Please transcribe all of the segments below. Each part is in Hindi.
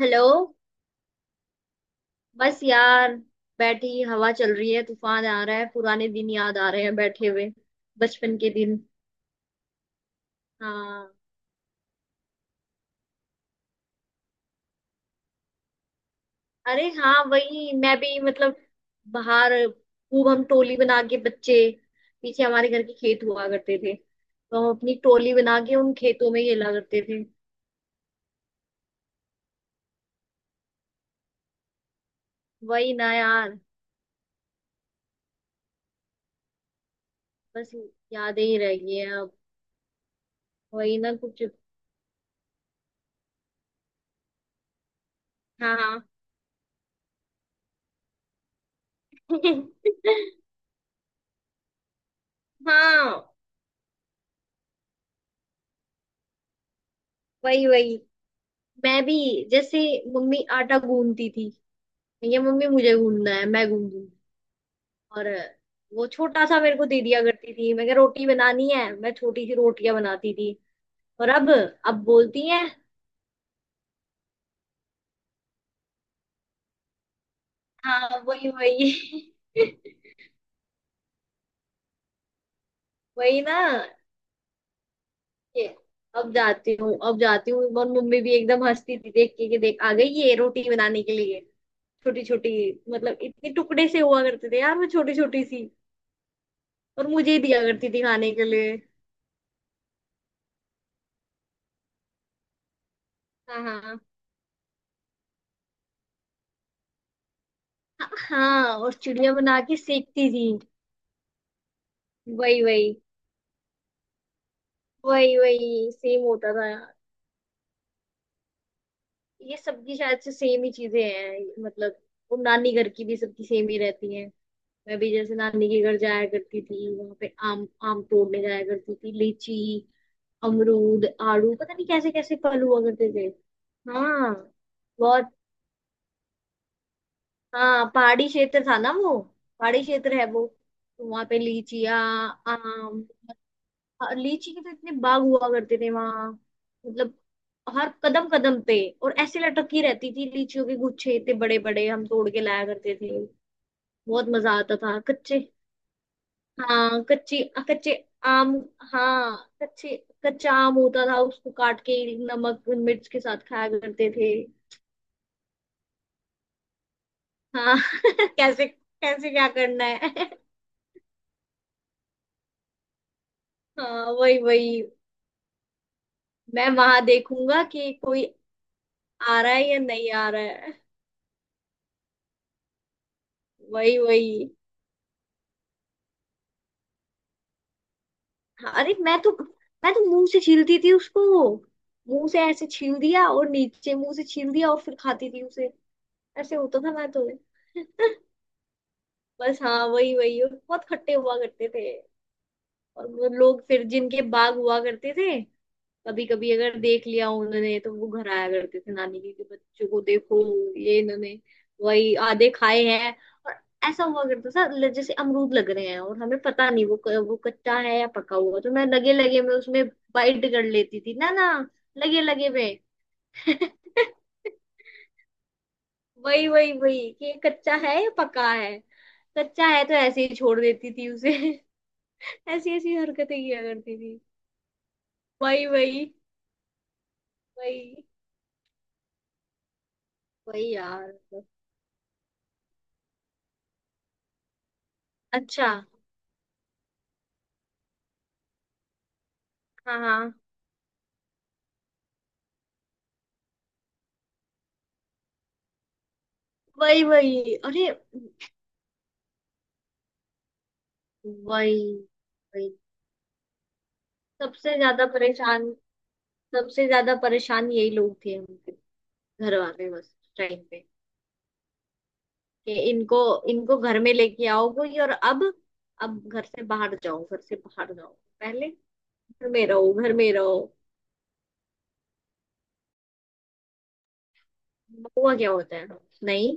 हेलो। बस यार, बैठी हवा चल रही है, तूफान आ रहा है, पुराने दिन याद आ रहे हैं बैठे हुए। बचपन के दिन। हाँ। अरे हाँ, वही मैं भी, मतलब बाहर खूब हम टोली बना के बच्चे, पीछे हमारे घर के खेत हुआ करते थे, तो हम अपनी टोली बना के उन खेतों में खेला करते थे। वही ना यार। बस यादें ही रह गई हैं अब। वही ना कुछ। हाँ हाँ। हाँ वही वही। मैं भी जैसे मम्मी आटा गूंदती थी, ये मम्मी मुझे गूंदना है, मैं गूंद दूंगी। और वो छोटा सा मेरे को दे दिया करती थी, मैं कहा रोटी बनानी है, मैं छोटी सी रोटियां बनाती थी। और अब बोलती है। हाँ वही वही। वही ना। ये अब जाती हूँ, अब जाती हूँ, और मम्मी भी एकदम हंसती थी देख के, कि देख आ गई ये रोटी बनाने के लिए। छोटी छोटी, मतलब इतने टुकड़े से हुआ करते थे यार, वो छोटी छोटी सी। और मुझे ही दिया करती थी खाने के लिए। हाँ हाँ हाँ। और चिड़िया बना के सेकती थी। वही वही। वही वही सेम होता था यार। ये सबकी शायद से सेम ही चीजें हैं, मतलब वो नानी घर की भी सबकी सेम ही रहती है। मैं भी जैसे नानी के घर जाया करती थी, वहां पे आम, आम तोड़ने जाया करती थी, लीची, अमरूद, आड़ू, पता नहीं कैसे कैसे फल हुआ करते थे। हाँ। बहुत। हाँ पहाड़ी क्षेत्र था ना वो, पहाड़ी क्षेत्र है वो। तो वहां पे लीचियाँ, आम। हाँ, लीची के तो इतने बाग हुआ करते थे वहां, मतलब हर कदम कदम पे। और ऐसे लटकी रहती थी लीचियों के गुच्छे, इतने बड़े बड़े हम तोड़ के लाया करते थे। बहुत मजा आता था। कच्चे। हाँ कच्ची, कच्चे आम। हाँ कच्चे, कच्चा आम होता था, उसको काट के नमक मिर्च के साथ खाया करते थे। हाँ। कैसे कैसे क्या करना है। हाँ वही वही। मैं वहां देखूंगा कि कोई आ रहा है या नहीं आ रहा है। वही वही। हाँ, अरे मैं तो, मैं तो मुंह से छीलती थी उसको। मुंह से ऐसे छील दिया, और नीचे मुंह से छील दिया, और फिर खाती थी उसे। ऐसे होता था मैं तो। बस हाँ वही वही, और बहुत खट्टे हुआ करते थे। और वो लोग फिर जिनके बाग हुआ करते थे, कभी कभी अगर देख लिया उन्होंने, तो वो घर आया करते थे, नानी जी के बच्चों को देखो, ये इन्होंने, वही आधे खाए हैं। और ऐसा हुआ करता था, जैसे अमरूद लग रहे हैं, और हमें पता नहीं वो वो कच्चा है या पका हुआ, तो मैं लगे लगे में उसमें बाइट कर लेती थी। ना ना, लगे लगे में। वही वही वही, कि ये कच्चा है या पका है। कच्चा है तो ऐसे ही छोड़ देती थी उसे। ऐसी ऐसी हरकतें किया करती थी। वही वही। वही वही यार। अच्छा। हाँ हाँ। वही वही। अरे वही वही। सबसे ज्यादा परेशान, सबसे ज्यादा परेशान यही लोग थे हमके, घर वाले, बस टाइम पे कि इनको, इनको घर में लेके आओ कोई। और अब घर से बाहर जाओ, घर से बाहर जाओ। पहले घर में रहो, घर में रहो। हुआ क्या होता है। नहीं,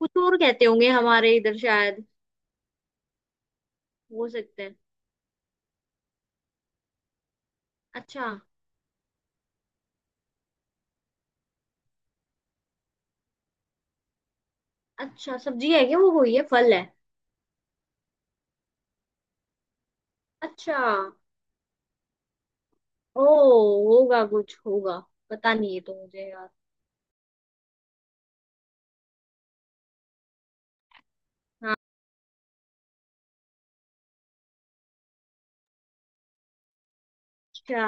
कुछ और कहते होंगे हमारे इधर शायद। हो सकते हैं। अच्छा। अच्छा सब्जी है क्या, वो वही है, फल है। अच्छा। ओ, होगा, कुछ होगा। पता नहीं है तो मुझे यार। अच्छा।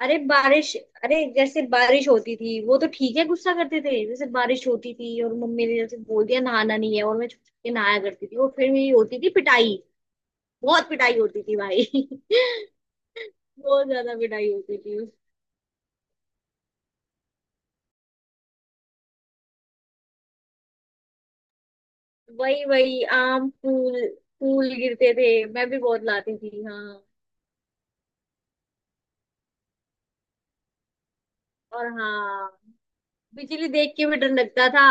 अरे बारिश, अरे जैसे बारिश होती थी वो तो ठीक है गुस्सा करते थे, जैसे बारिश होती थी और मम्मी ने जैसे बोल दिया नहाना नहीं है, और मैं छुप छुप के नहाया करती थी, और फिर मेरी होती थी पिटाई। बहुत पिटाई होती थी भाई। बहुत ज्यादा पिटाई होती थी। वही वही आम, फूल, फूल गिरते थे, मैं भी बहुत लाती थी हाँ। और हाँ, बिजली देख के भी डर लगता था।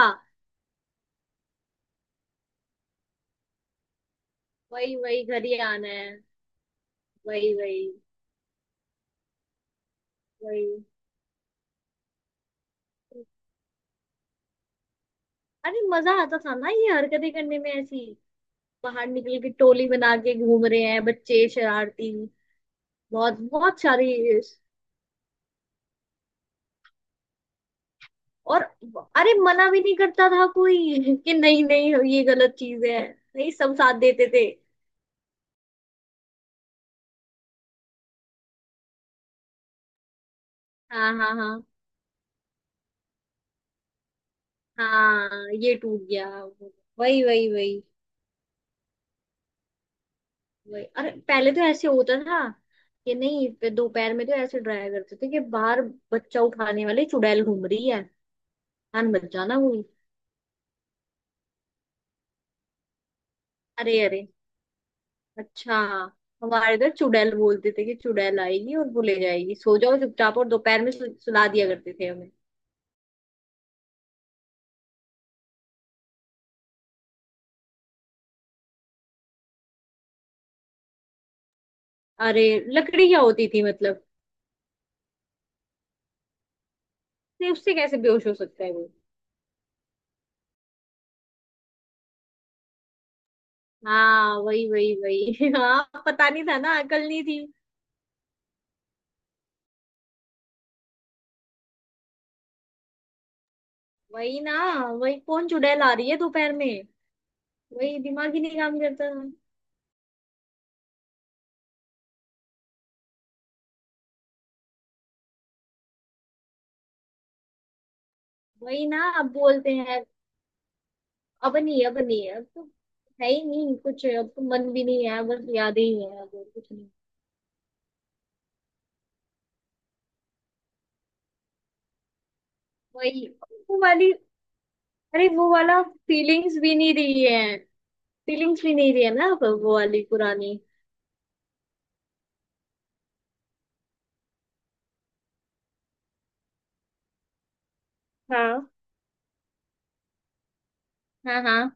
वही वही घर ही आना है। वही वही वही। अरे मजा आता था ना ये हरकतें करने में ऐसी। बाहर निकल के टोली बना के घूम रहे हैं बच्चे शरारती, बहुत बहुत सारी। और अरे मना भी नहीं करता था कोई, कि नहीं नहीं ये गलत चीज है। नहीं, सब साथ देते थे। हाँ हाँ हाँ। हाँ ये टूट गया। वही वही वही। वही अरे पहले तो ऐसे होता था कि नहीं, दोपहर में तो ऐसे डराया करते थे कि बाहर बच्चा उठाने वाली चुड़ैल घूम रही है, कान बच जाना हुई। अरे अरे। अच्छा हमारे इधर चुड़ैल बोलते थे, कि चुड़ैल आएगी और वो ले जाएगी, सो जाओ चुपचाप, और दोपहर में सुला दिया करते थे हमें। अरे लकड़ी क्या होती थी मतलब। नहीं उससे कैसे बेहोश हो सकता है वो। हाँ वही वही वही। हाँ पता नहीं था ना, अकल नहीं थी। वही ना। वही कौन चुड़ैल आ रही है दोपहर में। वही दिमाग ही नहीं काम करता था। वही ना, अब बोलते हैं। अब नहीं, अब नहीं, अब तो है ही नहीं कुछ, अब तो मन भी नहीं है, बस यादें ही है और कुछ नहीं। वही। वो वाली, अरे वो वाला फीलिंग्स भी नहीं रही है। फीलिंग्स भी नहीं रही है ना अब वो वाली पुरानी। हाँ हाँ हाँ।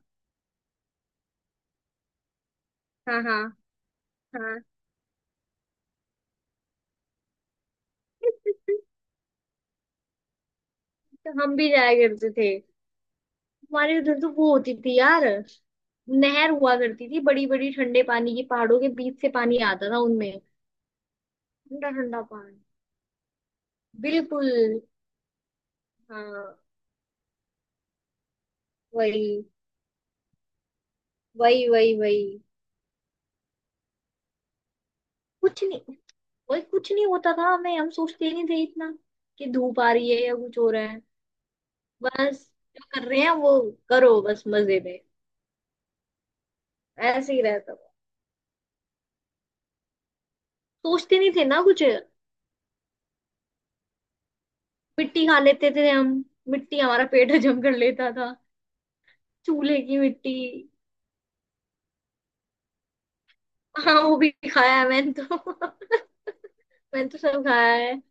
हाँ हाँ हाँ। तो हम भी जाया करते थे। हमारे उधर तो वो होती थी यार, नहर हुआ करती थी बड़ी बड़ी ठंडे पानी की, पहाड़ों के बीच से पानी आता था उनमें। ठंडा ठंडा पानी। बिल्कुल। हाँ। वही वही वही। वही कुछ नहीं। वही कुछ नहीं होता था हमें, हम सोचते ही नहीं थे इतना, कि धूप आ रही है या कुछ हो रहा है। बस जो कर रहे हैं, वो करो बस मजे में। ऐसे ही रहता था, सोचते नहीं थे ना कुछ। मिट्टी खा लेते थे हम, मिट्टी हमारा पेट हजम कर लेता था। चूल्हे की मिट्टी। हाँ वो भी खाया है मैंने तो। मैंने तो सब खाया है।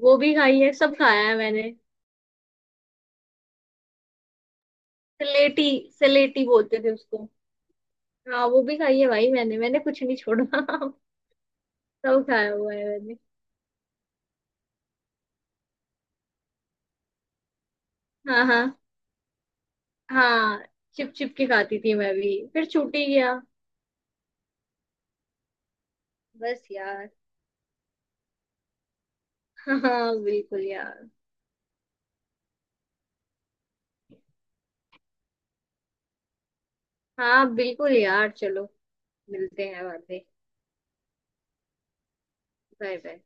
वो भी खाई है, सब खाया है मैंने। सलेटी, सलेटी बोलते थे उसको। हाँ वो भी खाई है भाई, मैंने मैंने कुछ नहीं छोड़ा। सब खाया हुआ है मैंने। हाँ हाँ। हाँ चिप चिप के खाती थी मैं भी, फिर छूट ही गया। बस यार। हाँ बिल्कुल यार। हाँ बिल्कुल यार, चलो मिलते हैं बाद में। Bye bye.